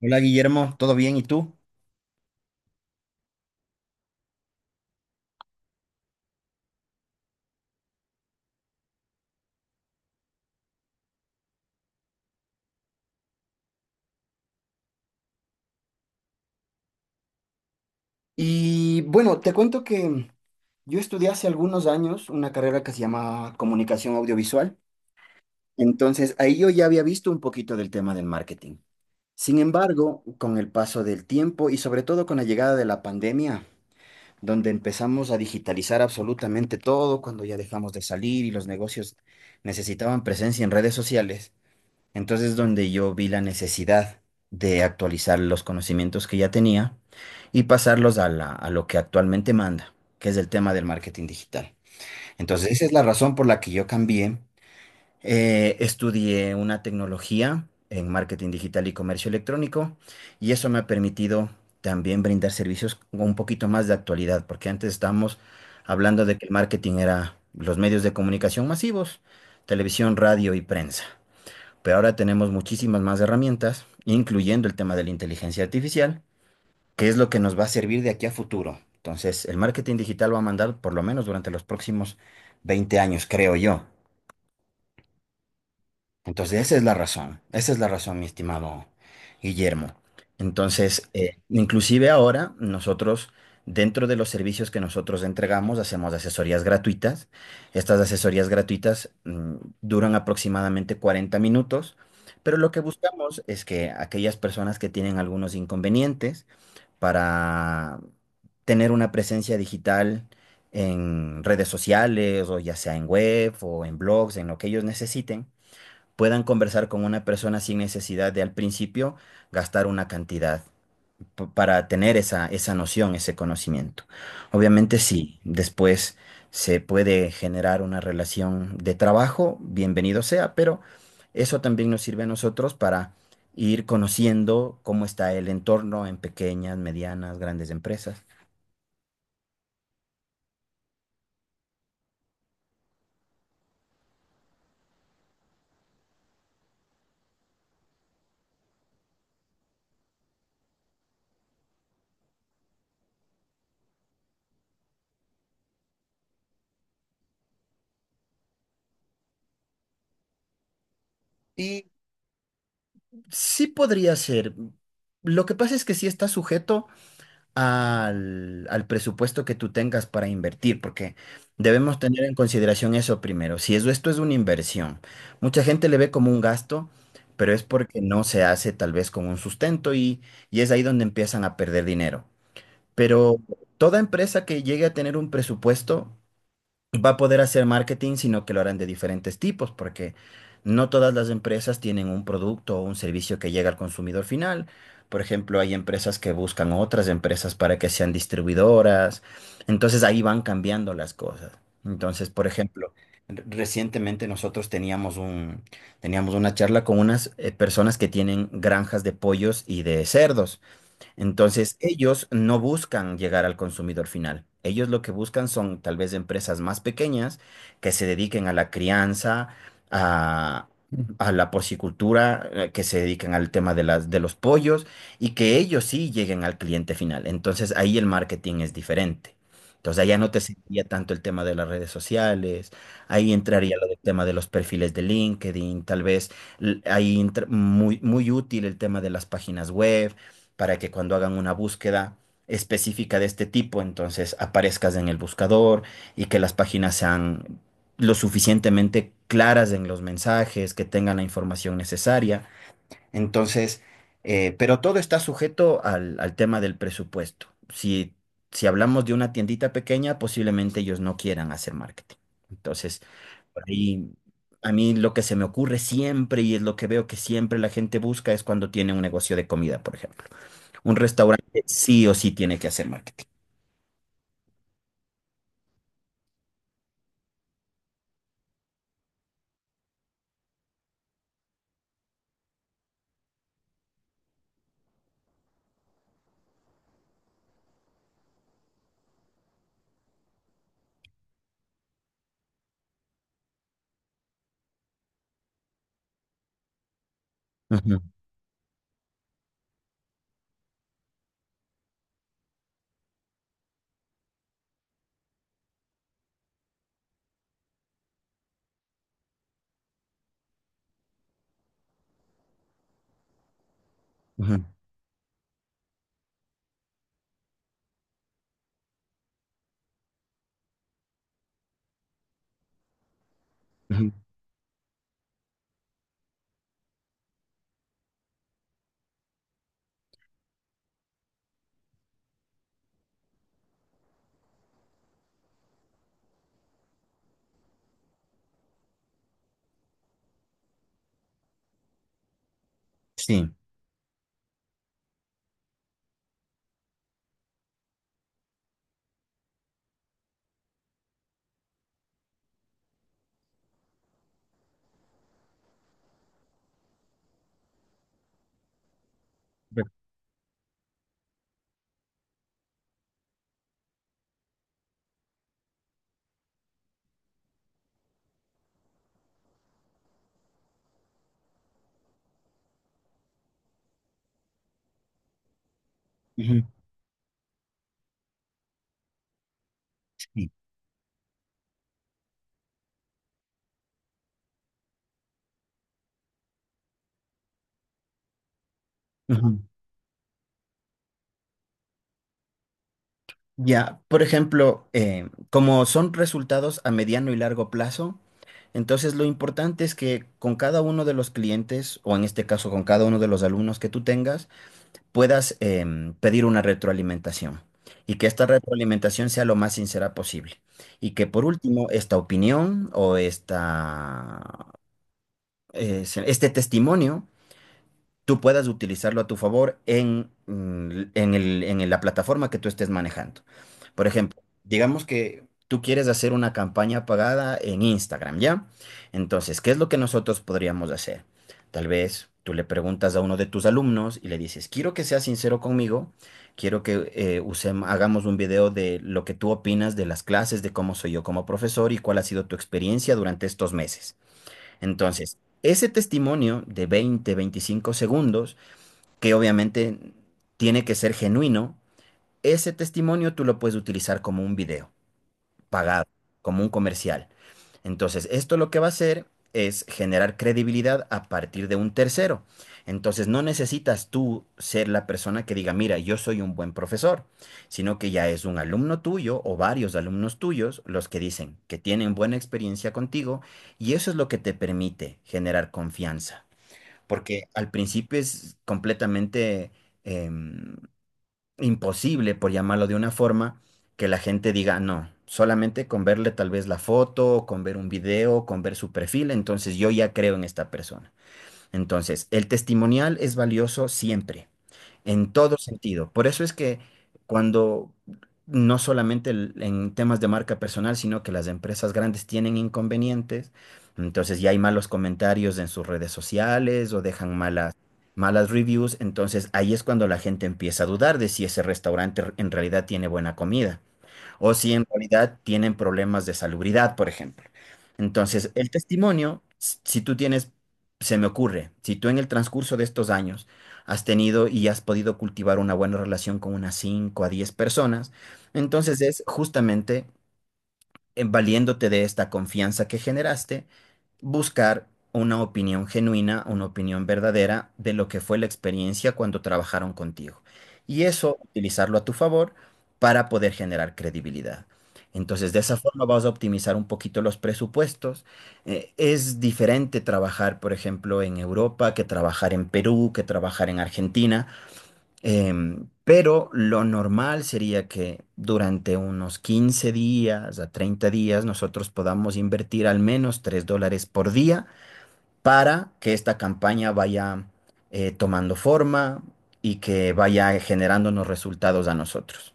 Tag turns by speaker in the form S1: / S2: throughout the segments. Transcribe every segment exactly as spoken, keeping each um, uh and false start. S1: Hola Guillermo, ¿todo bien? ¿Y tú? Y bueno, te cuento que yo estudié hace algunos años una carrera que se llama comunicación audiovisual. Entonces, ahí yo ya había visto un poquito del tema del marketing. Sin embargo, con el paso del tiempo y sobre todo con la llegada de la pandemia, donde empezamos a digitalizar absolutamente todo, cuando ya dejamos de salir y los negocios necesitaban presencia en redes sociales. Entonces, donde yo vi la necesidad de actualizar los conocimientos que ya tenía y pasarlos a la- a lo que actualmente manda, que es el tema del marketing digital. Entonces, esa es la razón por la que yo cambié. Eh, estudié una tecnología en marketing digital y comercio electrónico y eso me ha permitido también brindar servicios con un poquito más de actualidad, porque antes estábamos hablando de que el marketing era los medios de comunicación masivos: televisión, radio y prensa. Pero ahora tenemos muchísimas más herramientas, incluyendo el tema de la inteligencia artificial, que es lo que nos va a servir de aquí a futuro. Entonces, el marketing digital va a mandar por lo menos durante los próximos veinte años, creo yo. Entonces, esa es la razón, esa es la razón, mi estimado Guillermo. Entonces, eh, inclusive ahora nosotros, dentro de los servicios que nosotros entregamos, hacemos asesorías gratuitas. Estas asesorías gratuitas mm, duran aproximadamente cuarenta minutos, pero lo que buscamos es que aquellas personas que tienen algunos inconvenientes para tener una presencia digital en redes sociales o ya sea en web o en blogs, en lo que ellos necesiten, puedan conversar con una persona sin necesidad de al principio gastar una cantidad p- para tener esa, esa noción, ese conocimiento. Obviamente sí, después se puede generar una relación de trabajo, bienvenido sea, pero eso también nos sirve a nosotros para ir conociendo cómo está el entorno en pequeñas, medianas, grandes empresas. Y sí podría ser. Lo que pasa es que sí está sujeto al, al presupuesto que tú tengas para invertir, porque debemos tener en consideración eso primero. Si eso, esto es una inversión, mucha gente le ve como un gasto, pero es porque no se hace tal vez con un sustento, y, y es ahí donde empiezan a perder dinero. Pero toda empresa que llegue a tener un presupuesto va a poder hacer marketing, sino que lo harán de diferentes tipos, porque no todas las empresas tienen un producto o un servicio que llega al consumidor final. Por ejemplo, hay empresas que buscan otras empresas para que sean distribuidoras. Entonces ahí van cambiando las cosas. Entonces, por ejemplo, re- recientemente nosotros teníamos un, teníamos una charla con unas eh, personas que tienen granjas de pollos y de cerdos. Entonces, ellos no buscan llegar al consumidor final. Ellos lo que buscan son tal vez empresas más pequeñas que se dediquen a la crianza, a, a la porcicultura, eh, que se dediquen al tema de las, de los pollos y que ellos sí lleguen al cliente final. Entonces, ahí el marketing es diferente. Entonces, allá no te serviría tanto el tema de las redes sociales, ahí entraría lo del tema de los perfiles de LinkedIn. Tal vez l- ahí entra muy, muy útil el tema de las páginas web, para que cuando hagan una búsqueda específica de este tipo, entonces aparezcas en el buscador y que las páginas sean lo suficientemente claras en los mensajes, que tengan la información necesaria. Entonces, eh, pero todo está sujeto al, al tema del presupuesto. Si, si hablamos de una tiendita pequeña, posiblemente ellos no quieran hacer marketing. Entonces, por ahí, a mí lo que se me ocurre siempre, y es lo que veo que siempre la gente busca, es cuando tiene un negocio de comida, por ejemplo. Un restaurante sí o sí tiene que hacer marketing. Ujú, ujú, ujú. Sí. Ve- Ujú, sí, ujú. Ya, por ejemplo, eh, como son resultados a mediano y largo plazo, entonces lo importante es que con cada uno de los clientes, o en este caso con cada uno de los alumnos que tú tengas, puedas em, pedir una retroalimentación y que esta retroalimentación sea lo más sincera posible. Y que por último, esta opinión o esta, es- este testimonio tú puedas utilizarlo a tu favor en, mm, en el- en la plataforma que tú estés manejando. Por ejemplo, digamos que tú quieres hacer una campaña pagada en Instagram, ¿ya? Entonces, ¿qué es lo que nosotros podríamos hacer? Tal vez tú le preguntas a uno de tus alumnos y le dices: quiero que seas sincero conmigo, quiero que eh, usem- hagamos un video de lo que tú opinas de las clases, de cómo soy yo como profesor y cuál ha sido tu experiencia durante estos meses. Entonces, ese testimonio de veinte, veinticinco segundos, que obviamente tiene que ser genuino, ese testimonio tú lo puedes utilizar como un video pagado, como un comercial. Entonces, esto lo que va a hacer es generar credibilidad a partir de un tercero. Entonces, no necesitas tú ser la persona que diga: mira, yo soy un buen profesor, sino que ya es un alumno tuyo o varios alumnos tuyos los que dicen que tienen buena experiencia contigo, y eso es lo que te permite generar confianza. Porque al principio es completamente... em, imposible, por llamarlo de una forma, que la gente diga no. Solamente con verle tal vez la foto, con ver un video, con ver su perfil, entonces yo ya creo en esta persona. Entonces, el testimonial es valioso siempre, en todo sentido. Por eso es que cuando no solamente el- en temas de marca personal, sino que las empresas grandes tienen inconvenientes, entonces ya hay malos comentarios en sus redes sociales o dejan malas, malas reviews, entonces ahí es cuando la gente empieza a dudar de si ese restaurante en realidad tiene buena comida o si en realidad tienen problemas de salubridad, por ejemplo. Entonces, el testimonio, s- si tú tienes, se me ocurre, si tú en el transcurso de estos años has tenido y has podido cultivar una buena relación con unas cinco a diez personas, entonces es justamente eh, valiéndote de esta confianza que generaste, buscar una opinión genuina, una opinión verdadera de lo que fue la experiencia cuando trabajaron contigo. Y eso, utilizarlo a tu favor para poder generar credibilidad. Entonces, de esa forma vas a optimizar un poquito los presupuestos. Eh, es diferente trabajar, por ejemplo, en Europa, que trabajar en Perú, que trabajar en Argentina. Em, pero lo normal sería que durante unos quince días a treinta días nosotros podamos invertir al menos tres dólares por día, para que esta campaña vaya eh, tomando forma y que vaya generándonos resultados a nosotros.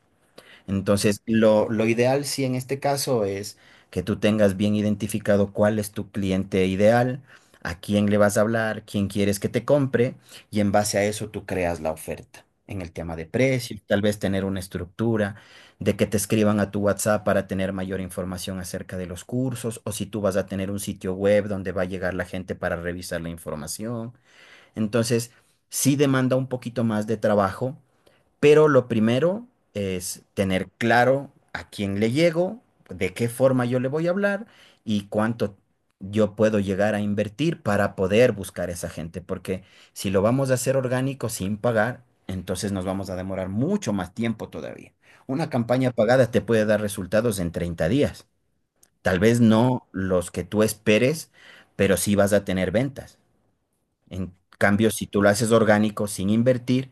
S1: Entonces, lo, lo ideal, sí, en este caso es que tú tengas bien identificado cuál es tu cliente ideal, a quién le vas a hablar, quién quieres que te compre, y en base a eso tú creas la oferta. En el tema de precios, tal vez tener una estructura de que te escriban a tu WhatsApp para tener mayor información acerca de los cursos, o si tú vas a tener un sitio web donde va a llegar la gente para revisar la información. Entonces, sí demanda un poquito más de trabajo, pero lo primero es tener claro a quién le llego, de qué forma yo le voy a hablar y cuánto yo puedo llegar a invertir para poder buscar esa gente. Porque si lo vamos a hacer orgánico, sin pagar, entonces nos vamos a demorar mucho más tiempo todavía. Una campaña pagada te puede dar resultados en treinta días. Tal vez no los que tú esperes, pero sí vas a tener ventas. En cambio, si tú lo haces orgánico sin invertir,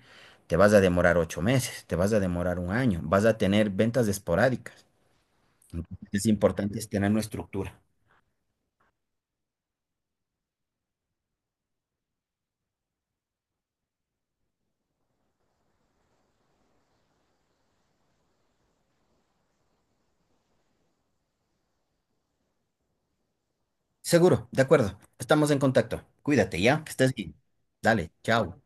S1: te vas a demorar ocho meses, te vas a demorar un año, vas a tener ventas esporádicas. Es importante es tener una estructura. Seguro, de acuerdo. Estamos en contacto. Cuídate ya, que estés bien. Dale, chao.